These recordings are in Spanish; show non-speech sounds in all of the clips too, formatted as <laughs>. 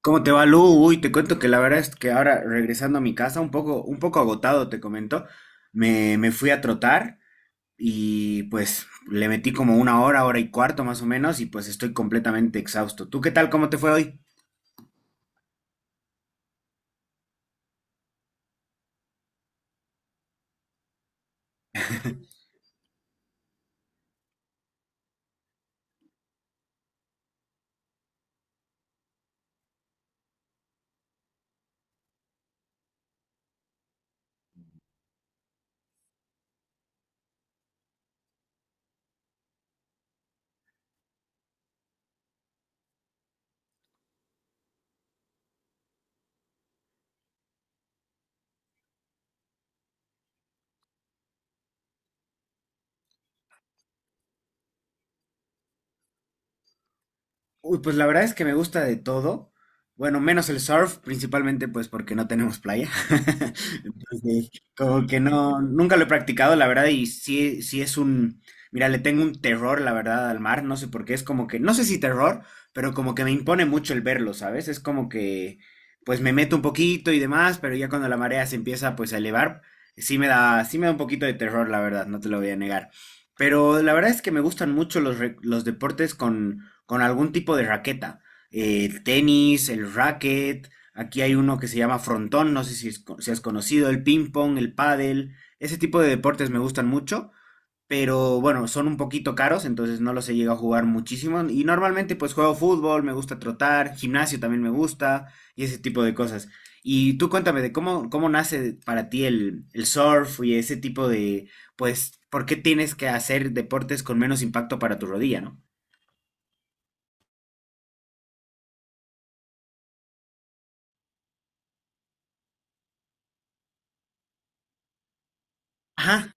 ¿Cómo te va, Lu? Uy, te cuento que la verdad es que ahora regresando a mi casa, un poco agotado, te comento, me fui a trotar y pues le metí como una hora, hora y cuarto más o menos y pues estoy completamente exhausto. ¿Tú qué tal? ¿Cómo te fue hoy? Uy, pues la verdad es que me gusta de todo. Bueno, menos el surf, principalmente pues porque no tenemos playa. <laughs> Entonces, como que no, nunca lo he practicado, la verdad, y sí, sí, mira, le tengo un terror, la verdad, al mar, no sé por qué, es como que no sé si terror, pero como que me impone mucho el verlo, ¿sabes? Es como que pues me meto un poquito y demás, pero ya cuando la marea se empieza pues a elevar, sí me da un poquito de terror, la verdad, no te lo voy a negar. Pero la verdad es que me gustan mucho los deportes con algún tipo de raqueta. El tenis, el racket, aquí hay uno que se llama frontón, no sé si has conocido, el ping pong, el pádel, ese tipo de deportes me gustan mucho, pero bueno, son un poquito caros, entonces no los he llegado a jugar muchísimo y normalmente pues juego fútbol, me gusta trotar, gimnasio también me gusta y ese tipo de cosas. Y tú cuéntame de cómo, nace para ti el surf y ese tipo de, pues, ¿por qué tienes que hacer deportes con menos impacto para tu rodilla, no? Ajá,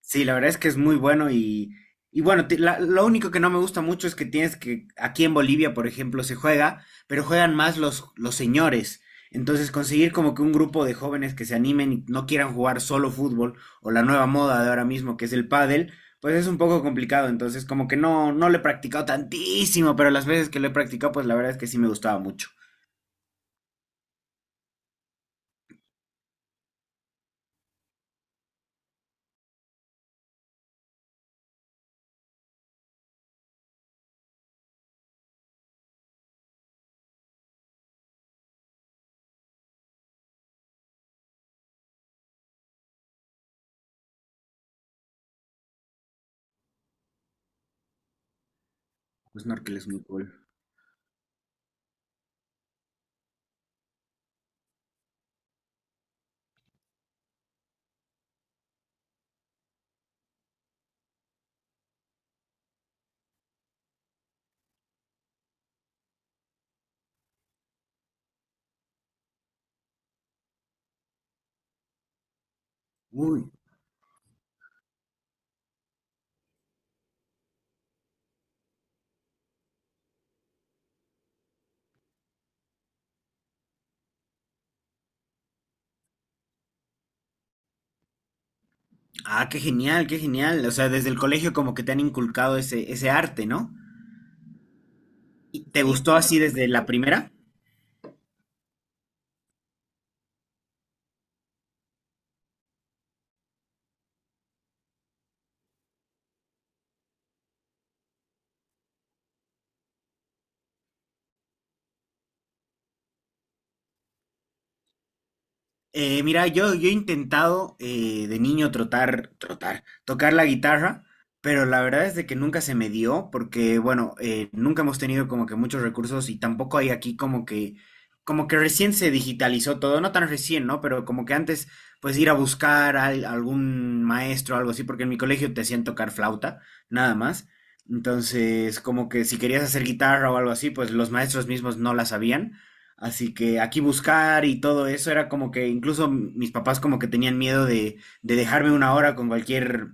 sí, la verdad es que es muy bueno y bueno, lo único que no me gusta mucho es que tienes que, aquí en Bolivia, por ejemplo, se juega, pero juegan más los señores. Entonces, conseguir como que un grupo de jóvenes que se animen y no quieran jugar solo fútbol o la nueva moda de ahora mismo, que es el pádel, pues es un poco complicado. Entonces, como que no, no lo he practicado tantísimo, pero las veces que lo he practicado, pues la verdad es que sí me gustaba mucho. El snorkel es muy cool. Uy. Ah, qué genial, qué genial. O sea, desde el colegio como que te han inculcado ese arte, ¿no? ¿Y te, sí, gustó así desde la primera? Mira, yo he intentado de niño tocar la guitarra, pero la verdad es de que nunca se me dio, porque bueno, nunca hemos tenido como que muchos recursos y tampoco hay aquí como que, recién se digitalizó todo, no tan recién, ¿no? Pero como que antes, pues ir a buscar a algún maestro o algo así, porque en mi colegio te hacían tocar flauta, nada más. Entonces, como que si querías hacer guitarra o algo así, pues los maestros mismos no la sabían. Así que aquí buscar y todo eso era como que incluso mis papás como que tenían miedo de dejarme una hora con cualquier,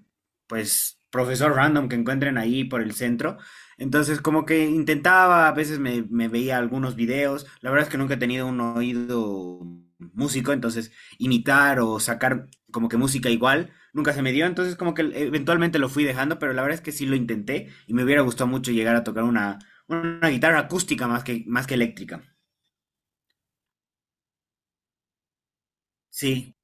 pues, profesor random que encuentren ahí por el centro. Entonces como que intentaba, a veces me veía algunos videos. La verdad es que nunca he tenido un oído músico, entonces imitar o sacar como que música igual nunca se me dio. Entonces como que eventualmente lo fui dejando, pero la verdad es que sí lo intenté y me hubiera gustado mucho llegar a tocar una guitarra acústica más que eléctrica. Sí,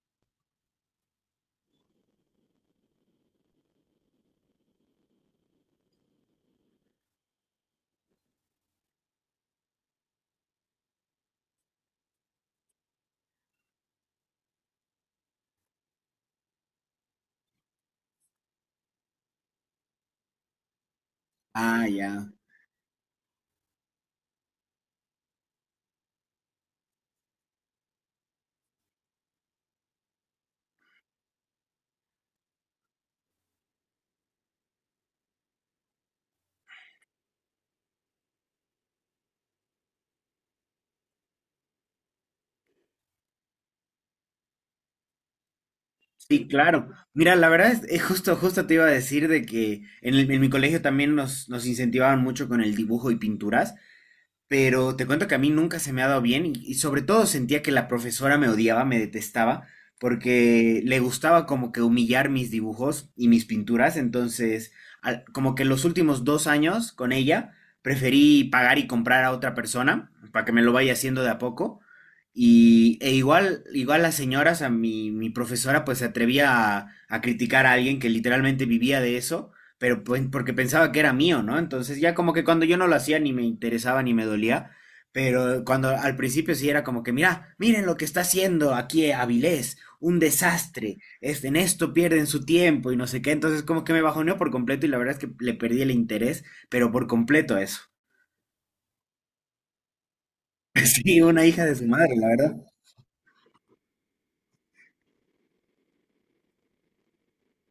ah, ya. Sí, claro. Mira, la verdad es justo, justo te iba a decir de que en mi colegio también nos incentivaban mucho con el dibujo y pinturas. Pero te cuento que a mí nunca se me ha dado bien y sobre todo sentía que la profesora me odiaba, me detestaba, porque le gustaba como que humillar mis dibujos y mis pinturas, entonces como que los últimos 2 años con ella preferí pagar y comprar a otra persona para que me lo vaya haciendo de a poco. Y e igual las señoras, a mi profesora pues se atrevía a criticar a alguien que literalmente vivía de eso, pero pues, porque pensaba que era mío, ¿no? Entonces ya como que cuando yo no lo hacía ni me interesaba ni me dolía, pero cuando al principio sí era como que, mira, miren lo que está haciendo aquí Avilés, un desastre, este, en esto pierden su tiempo y no sé qué, entonces como que me bajoneó por completo y la verdad es que le perdí el interés, pero por completo a eso. <laughs> Sí, una hija de su madre, la verdad.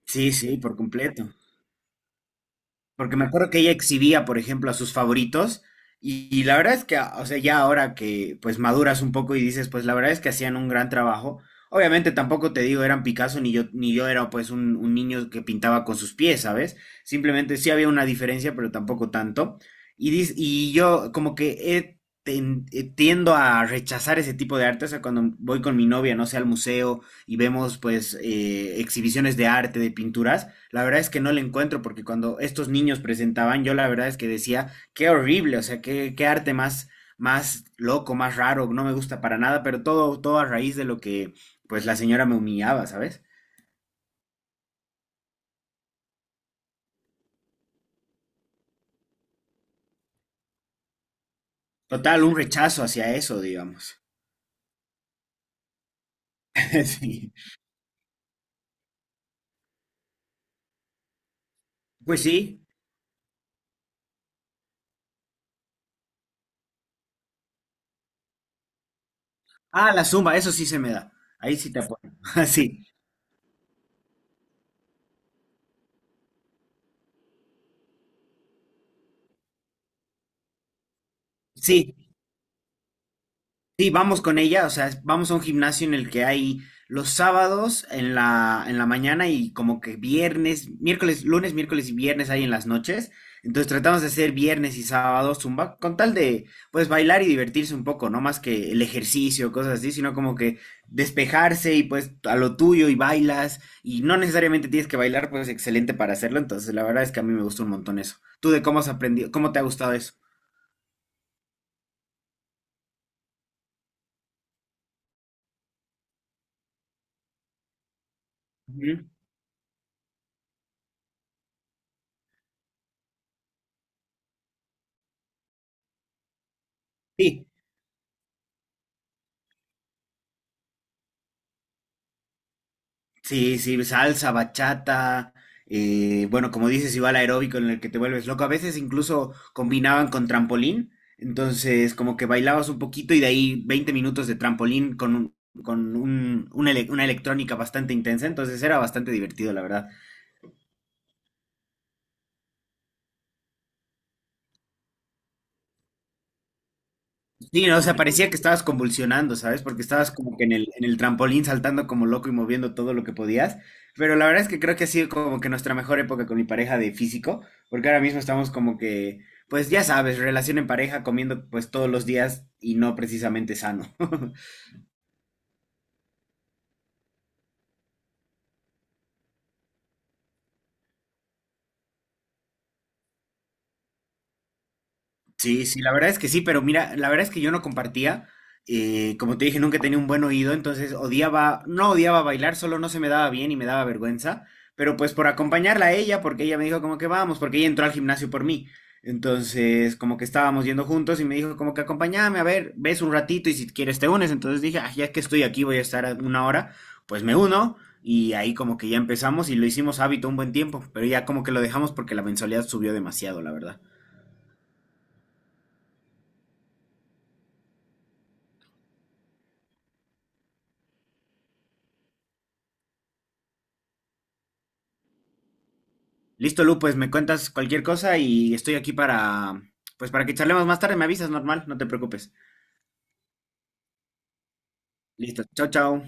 Sí, sí, por completo. Porque me acuerdo que ella exhibía, por ejemplo, a sus favoritos. Y la verdad es que, o sea, ya ahora que pues maduras un poco y dices, pues la verdad es que hacían un gran trabajo. Obviamente tampoco te digo eran Picasso ni yo, era pues un niño que pintaba con sus pies, ¿sabes? Simplemente sí había una diferencia, pero tampoco tanto. Y yo como que tiendo a rechazar ese tipo de arte. O sea, cuando voy con mi novia, no sé, al museo y vemos pues exhibiciones de arte, de pinturas. La verdad es que no le encuentro porque cuando estos niños presentaban, yo la verdad es que decía, qué horrible, o sea, qué arte más loco, más raro, no me gusta para nada, pero todo a raíz de lo que pues la señora me humillaba, ¿sabes? Total, un rechazo hacia eso, digamos. <laughs> Sí. Pues sí. Ah, la zumba, eso sí se me da. Ahí sí te apoyo. <laughs> Sí, sí, sí, vamos con ella, o sea, vamos a un gimnasio en el que hay los sábados en la mañana y como que viernes, miércoles, lunes, miércoles y viernes hay en las noches. Entonces tratamos de hacer viernes y sábados zumba con tal de pues bailar y divertirse un poco, no más que el ejercicio, cosas así, sino como que despejarse y pues a lo tuyo y bailas y no necesariamente tienes que bailar, pues es excelente para hacerlo. Entonces la verdad es que a mí me gusta un montón eso. ¿Tú de cómo has aprendido, cómo te ha gustado eso? Ujú. Sí. Sí, sí, salsa, bachata, bueno, como dices, igual aeróbico en el que te vuelves loco. A veces incluso combinaban con trampolín, entonces como que bailabas un poquito y de ahí 20 minutos de trampolín con una electrónica bastante intensa, entonces era bastante divertido, la verdad. Sí, no, o sea, parecía que estabas convulsionando, ¿sabes? Porque estabas como que en el trampolín saltando como loco y moviendo todo lo que podías. Pero la verdad es que creo que ha sido como que nuestra mejor época con mi pareja de físico, porque ahora mismo estamos como que, pues ya sabes, relación en pareja, comiendo pues todos los días y no precisamente sano. <laughs> Sí, sí, la verdad es que sí, pero mira, la verdad es que yo no compartía. Como te dije, nunca tenía un buen oído, entonces odiaba, no odiaba bailar, solo no se me daba bien y me daba vergüenza. Pero pues por acompañarla a ella, porque ella me dijo como que vamos, porque ella entró al gimnasio por mí. Entonces, como que estábamos yendo juntos y me dijo como que acompáñame, a ver, ves un ratito y si quieres te unes. Entonces dije, ah, ya que estoy aquí, voy a estar a una hora, pues me uno. Y ahí como que ya empezamos y lo hicimos hábito un buen tiempo, pero ya como que lo dejamos porque la mensualidad subió demasiado, la verdad. Listo, Lu, pues me cuentas cualquier cosa y estoy aquí para, pues para que charlemos más tarde, me avisas normal, no te preocupes. Listo, chao, chao.